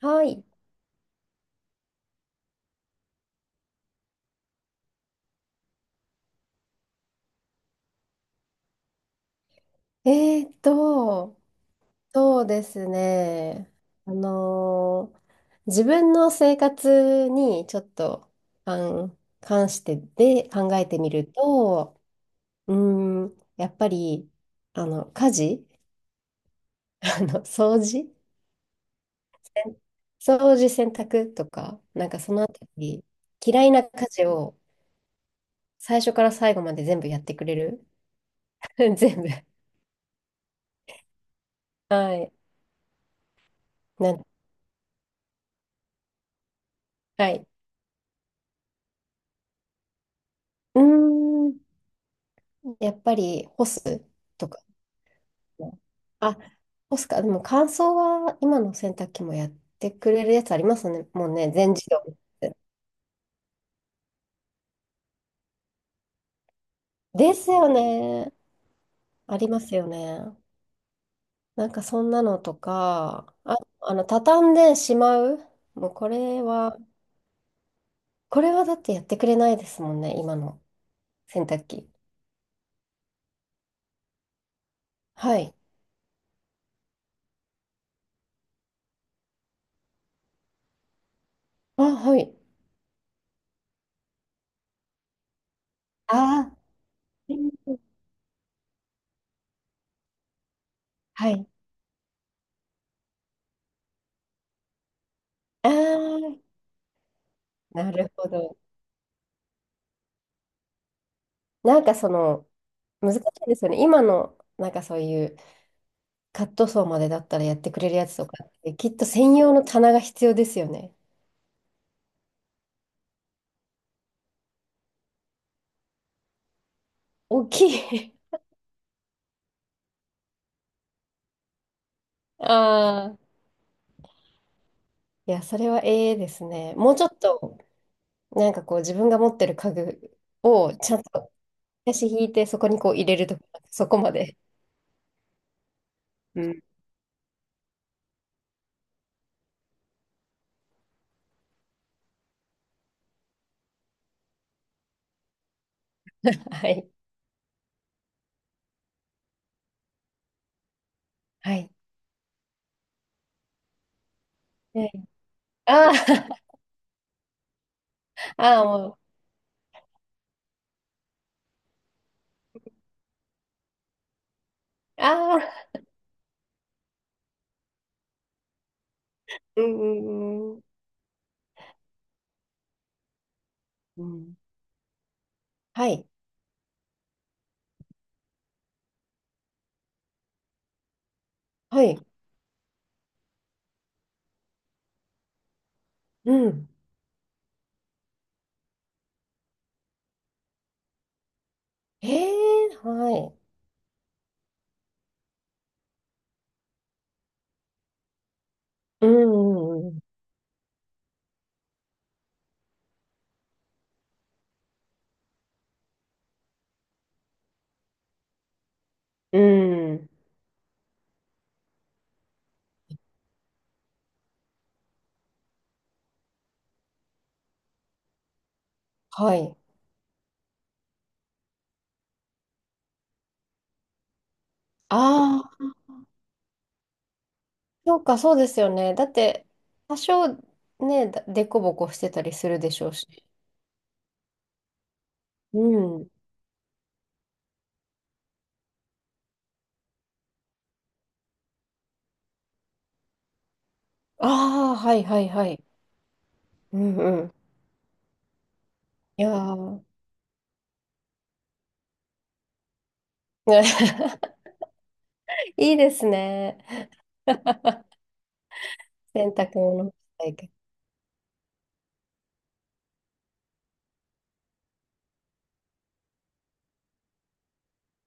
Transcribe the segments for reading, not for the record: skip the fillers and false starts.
はい。えーっと、そうですね。あのー自分の生活にちょっと関、あん関してで考えてみると、うやっぱり、あの、家事、あの、掃除、洗濯とか、なんかそのあたり、嫌いな家事を最初から最後まで全部やってくれる 全部。はい。なん、はい。うーん。やっぱり干すとかも。あ、干すか。でも乾燥は今の洗濯機もやってくれるやつありますね。もうね、全自動。ですよね。ありますよね。なんかそんなのとか、あ、あの、畳んでしまう。もうこれは、これはだってやってくれないですもんね、今の洗濯機。はい。あ、はい。あー、はい。あー、なるほど。なんかその、難しいですよね。今の、なんかそういう、カットソーまでだったらやってくれるやつとかって、きっと専用の棚が必要ですよね。大きい ああ。いや、それはええですね。もうちょっと、なんかこう、自分が持ってる家具を、ちゃんと、足引いて、そこにこう入れるとか、そこまで。うん。はい。はい。ねああ、ああ、もう、ああ、うんうんうん。うんはい。はい。うん。ええはい。うんうんうん。うん。はい。ああ、そうか、そうですよね。だって、多少ね、だでこぼこしてたりするでしょうし。うん。ああ、はいはいはい。うんうん。いやー いいですね。洗濯物体験。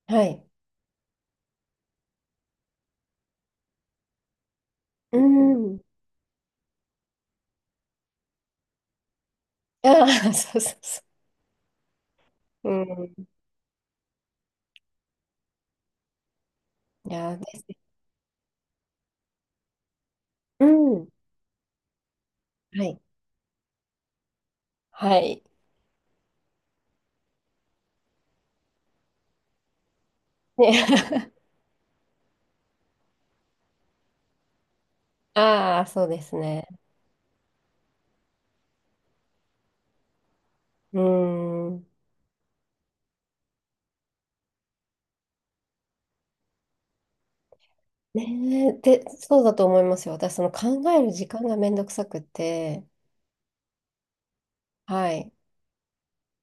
はい。うん。ああ、そうそうそう。うん。いやーですね。うん。はい。はい。ね、ああ、そうですね。うん。ねえ、で、そうだと思いますよ。私、その考える時間がめんどくさくて、はい、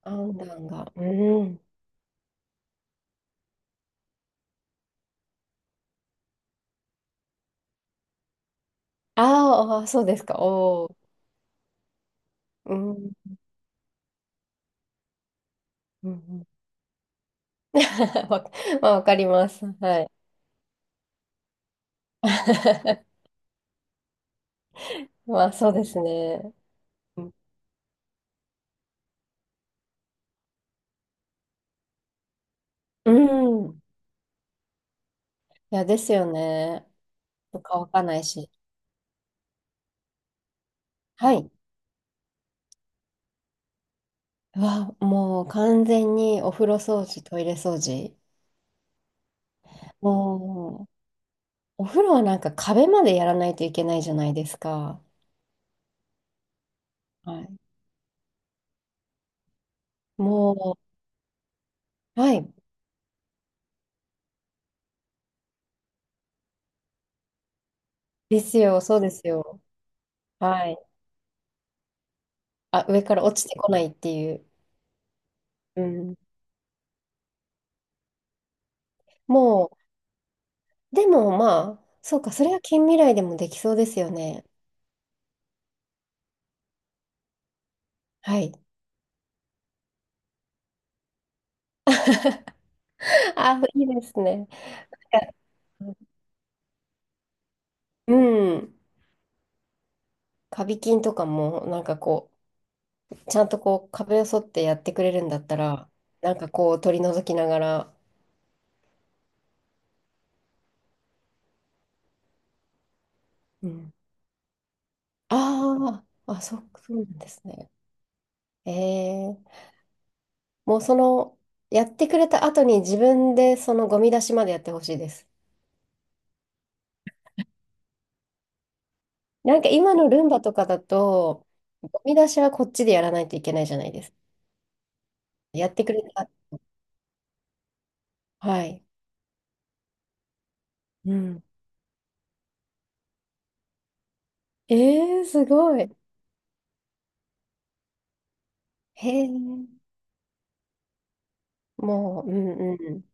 判断が、うん。あーあー、そうですか。おお、うん、うん。わ、まあ、わかります。はい。まあ、そうですね。うん。いや、ですよね。乾かないし。はい。うわ、もう完全にお風呂掃除、トイレ掃除。もう、お風呂はなんか壁までやらないといけないじゃないですか。はいもう、はい。ですよ、そうですよ。はい。あ、上から落ちてこないっていう。うん。もう、でもまあ、そうか、それは近未来でもできそうですよね。はい。あ、いいですね。いやうん。カビ菌とかも、なんかこう、ちゃんとこう、壁を沿ってやってくれるんだったら、なんかこう、取り除きながら、うん。ああ、あ、そう、そうなんですね。えーもうその、やってくれた後に自分でそのゴミ出しまでやってほしいです。なんか今のルンバとかだと、ゴミ出しはこっちでやらないといけないじゃないですか。やってくれた。はい。うん。えー、すごい。へえ。もう、うんうんうん。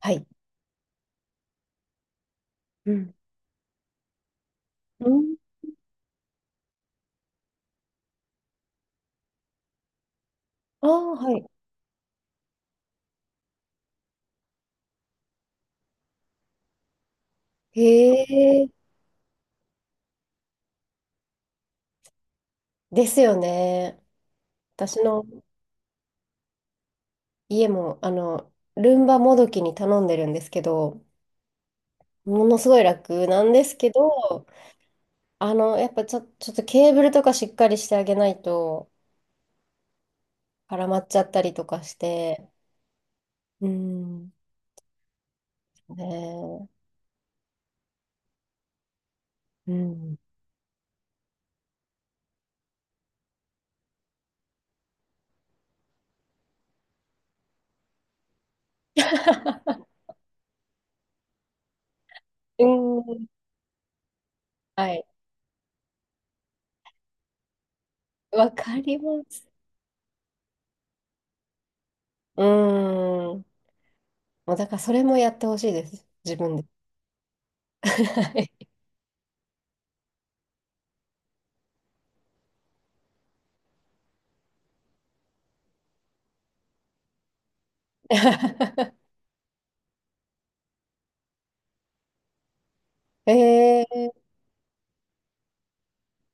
はい。うん。うんああ、はい。へえ。ですよね。私の家も、あの、ルンバもどきに頼んでるんですけど、ものすごい楽なんですけど、あの、やっぱちょ、ちょっとケーブルとかしっかりしてあげないと絡まっちゃったりとかして、うん。ねえうん。え。うん。はい。わかります。うん。もうだからそれもやってほしいです。自分で。はい えー、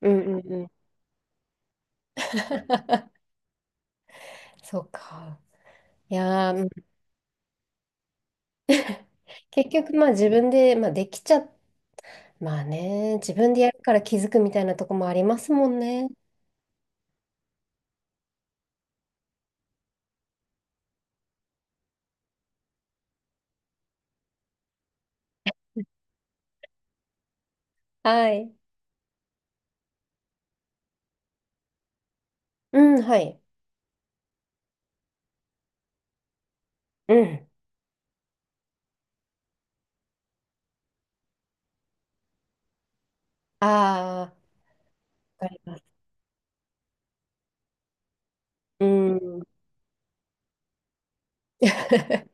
うんうんうん。そうか。いやー、うん結局まあ自分で、まあ、できちゃ、まあね、自分でやるから気づくみたいなとこもありますもんね。はい。うん、はい。うん。ああ、わかります。うん。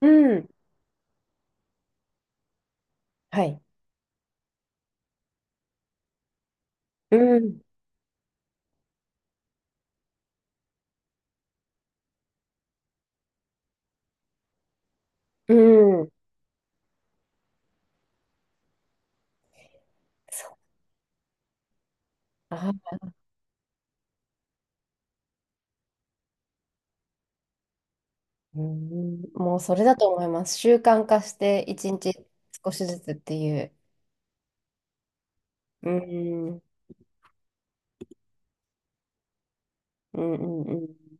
うん、はい。うん、うん。そう。あー、うん、もうそれだと思います。習慣化して、一日少しずつっていう。うん、うん、うん、うん。